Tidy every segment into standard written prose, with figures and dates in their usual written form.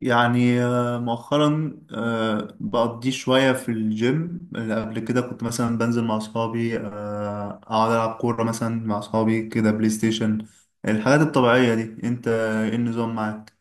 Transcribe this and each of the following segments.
يعني مؤخرا، بقضي شوية في الجيم. اللي قبل كده كنت مثلا بنزل مع أصحابي، أقعد ألعب كورة مثلا مع أصحابي كده، بلاي ستيشن، الحاجات الطبيعية دي. أنت إيه النظام معاك؟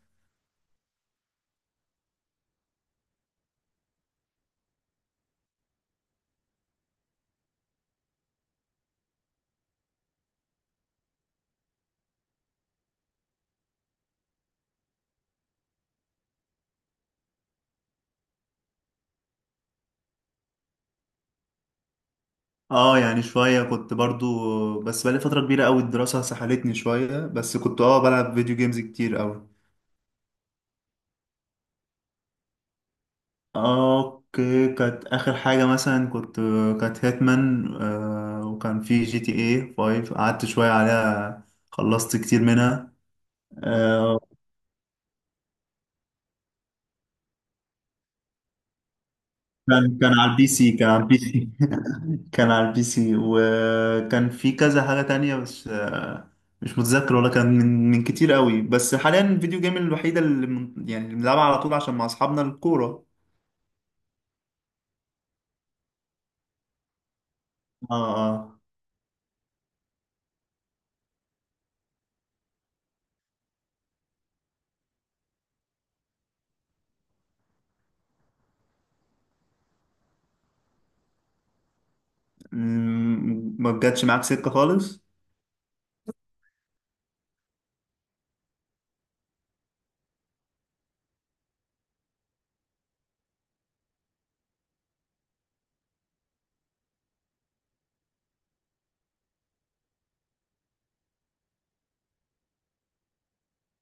اه، يعني شوية كنت برضو، بس بقالي فترة كبيرة أوي، الدراسة سحلتني شوية، بس كنت بلعب فيديو جيمز كتير أوي. اوكي، كانت اخر حاجة مثلا، كانت هيتمان، وكان في جي تي اي 5، قعدت شوية عليها، خلصت كتير منها. آه كان على البي سي كان على البي سي، وكان في كذا حاجة تانية، بس. مش متذكر، ولا كان من كتير قوي. بس حاليا الفيديو جيم الوحيدة اللي من يعني اللي بنلعبها على طول عشان مع اصحابنا الكورة. اه اه، ما جاتش معاك سكة خالص.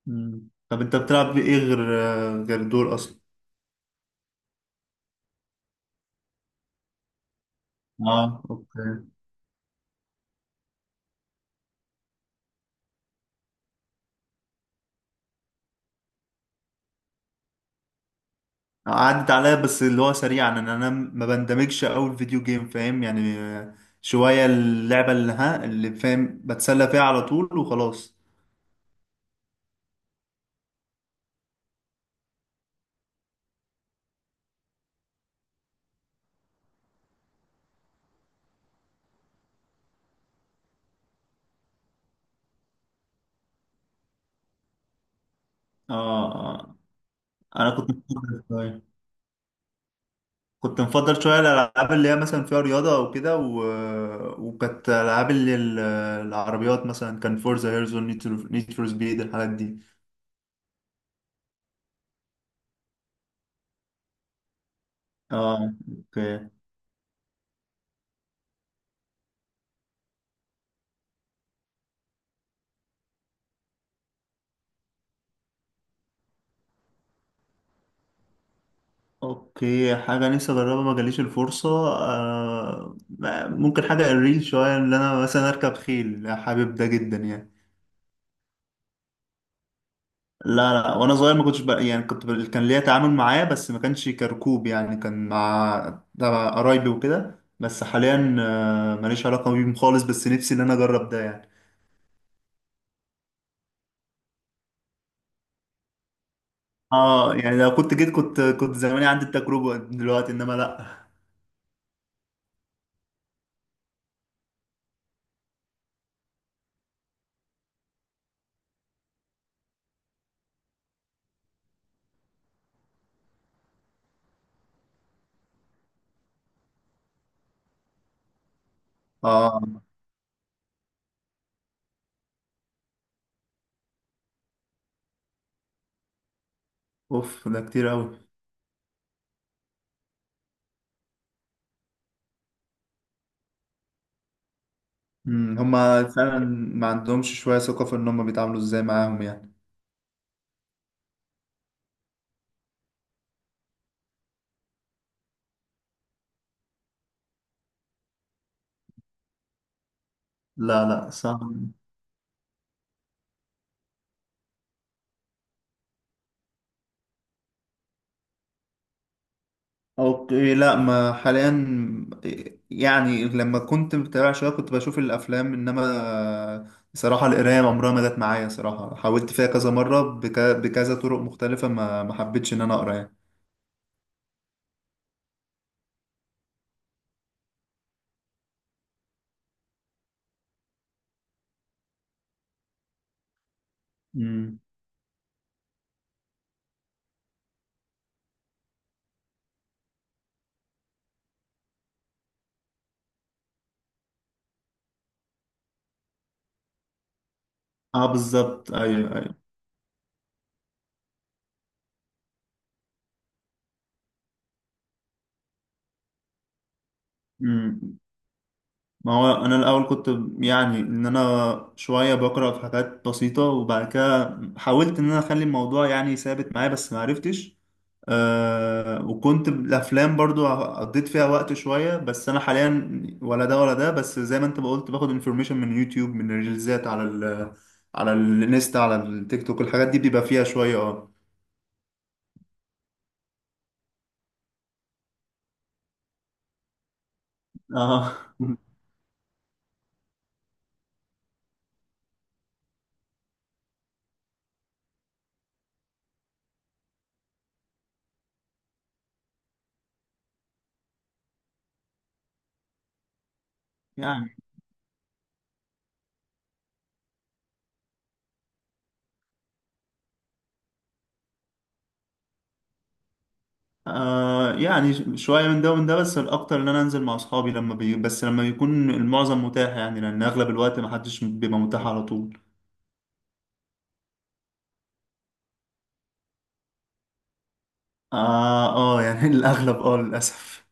مم. طب انت بتلعب بايه غير غير دول اصلا؟ اه اوكي، عدت عليا بس اللي هو سريعا ان انا ما بندمجش قوي الفيديو جيم، فاهم يعني. شويه اللعبه اللي فاهم بتسلى فيها على طول وخلاص. اه آه. انا كنت مفضل شويه الالعاب اللي هي مثلا فيها رياضه او كده، وكانت العاب العربيات، مثلا كان فورزا هيرزون، نيد فور سبيد، الحاجات دي. اه اوكي. اوكي، حاجة نفسي اجربها ما جاليش الفرصة، آه ممكن حاجة الريل شوية، ان انا مثلا اركب خيل، حابب ده جدا يعني. لا لا، وانا صغير ما كنتش، بقى يعني كان ليا تعامل معاه، بس ما كانش كركوب، يعني كان مع تبع قرايبي وكده، بس حاليا ماليش علاقة بيهم خالص، بس نفسي ان انا اجرب ده يعني. اه يعني، لو كنت جيت، كنت زماني عندي التجربة دلوقتي، انما لا. اه، اوف ده كتير اوي. مم، هما فعلا ما عندهمش شوية ثقة في إن هما بيتعاملوا إزاي معاهم يعني. لا لا، صح. أوكي، لا ما حاليا، يعني لما كنت متابع شوية كنت بشوف الأفلام، إنما صراحة القراية عمرها ما جت معايا. صراحة حاولت فيها كذا مرة، بكذا طرق مختلفة، ما ما حبيتش إن أنا أقرأ يعني. مم. اه بالظبط، ايوه ايوه. مم. ما هو انا الاول كنت، يعني ان انا شويه بقرا في حاجات بسيطه، وبعد كده حاولت ان انا اخلي الموضوع يعني ثابت معايا بس ما عرفتش. وكنت الافلام برضو قضيت فيها وقت شويه، بس انا حاليا ولا ده ولا ده. بس زي ما انت ما قلت، باخد انفورميشن من يوتيوب، من ريلزات على الانستا، على التيك توك، الحاجات دي بيبقى فيها شويه. اه اه يعني شوية من ده ومن ده، بس الأكتر إن أنا أنزل مع أصحابي لما بس لما بيكون المعظم متاح يعني، لأن أغلب الوقت محدش بيبقى متاح على طول. يعني الأغلب، للأسف.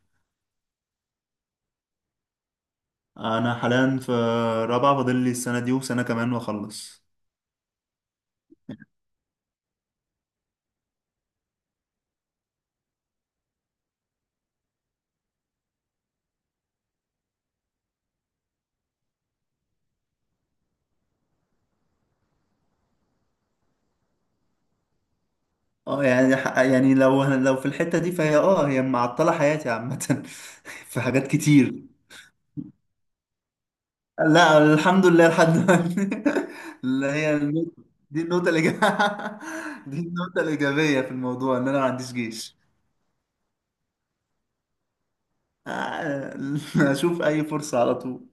أنا حاليا في رابعة، فاضل لي السنة دي وسنة كمان وأخلص. يعني، يعني لو في الحتة دي فهي، هي معطلة حياتي عامة في حاجات كتير. لا، الحمد لله لحد دلوقتي اللي هي النقطة، دي النقطة الإيجابية دي النقطة الإيجابية في الموضوع إن أنا ما عنديش جيش. آه، أشوف أي فرصة على طول.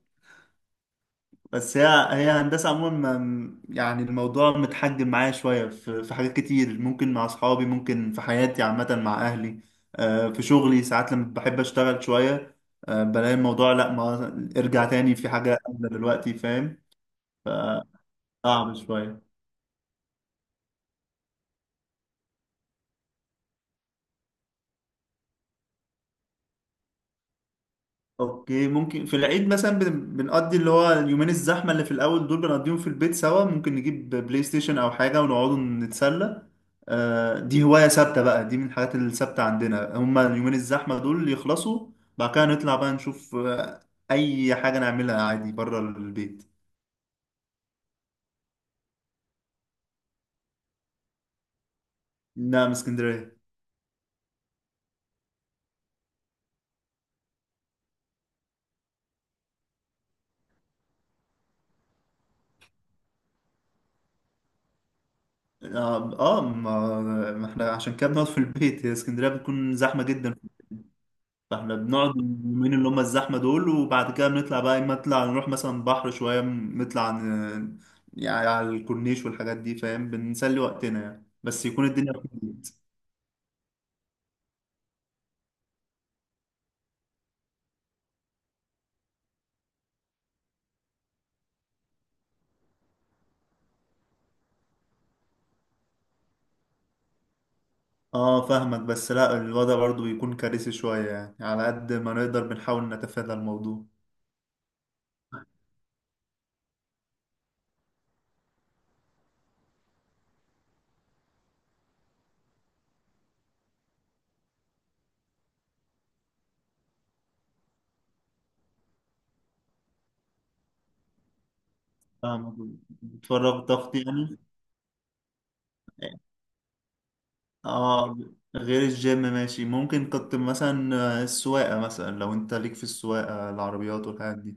بس هي هي هندسة عموما، يعني الموضوع متحجم معايا شوية، في في حاجات كتير ممكن مع أصحابي، ممكن في حياتي عامة مع أهلي. في شغلي ساعات لما بحب أشتغل شوية، بلاقي الموضوع لا، ما ارجع تاني في حاجة أولى دلوقتي، فاهم. فصعب شوية. اوكي، ممكن في العيد مثلا بنقضي اللي هو اليومين الزحمة اللي في الأول دول، بنقضيهم في البيت سوا، ممكن نجيب بلاي ستيشن أو حاجة ونقعدوا نتسلى. دي هواية ثابتة بقى، دي من الحاجات الثابتة عندنا، هما اليومين الزحمة دول يخلصوا، بعد كده نطلع بقى نشوف أي حاجة نعملها عادي بره البيت. لا، من اسكندرية. اه، ما ما احنا عشان كده بنقعد في البيت، هي اسكندرية بتكون زحمة جدا. فاحنا بنقعد اليومين اللي هم الزحمة دول، وبعد كده بنطلع بقى، اما نطلع نروح مثلا بحر شوية، يعني على الكورنيش والحاجات دي، فاهم، بنسلي وقتنا يعني، بس يكون الدنيا فضيت. اه فاهمك، بس لا الوضع برضو بيكون كارثي شوية يعني، على قد ما نقدر بنحاول نتفادى الموضوع. فاهمك، بتفرغ طاقتي يعني. اه، غير الجيم، ماشي ممكن كنت مثلا السواقة، مثلا لو انت ليك في السواقة، العربيات والحاجات دي.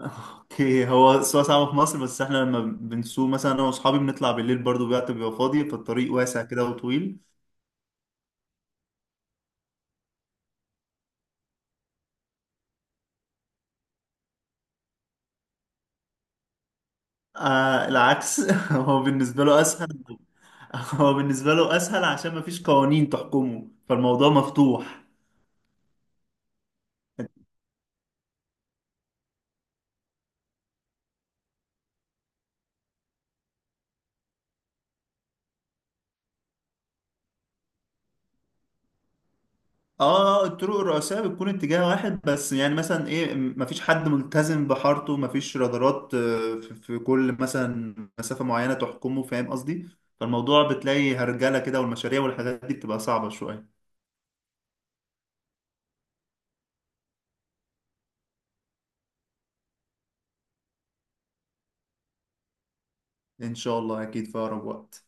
اوكي، هو السواقة صعبة في مصر، بس احنا لما بنسوق مثلا انا واصحابي، بنطلع بالليل برضو، الوقت بيبقى فاضي، فالطريق واسع كده وطويل. العكس هو بالنسبة له اسهل. هو بالنسبة له اسهل عشان مفيش قوانين تحكمه، فالموضوع مفتوح. اه، الطرق الرئيسية بتكون اتجاه واحد، بس يعني مثلا ايه، مفيش حد ملتزم بحارته، مفيش رادارات في في كل مثلا مسافة معينة تحكمه، فاهم قصدي. فالموضوع بتلاقي هرجلة كده، والمشاريع والحاجات دي بتبقى صعبة شوية. إن شاء الله أكيد في أقرب وقت.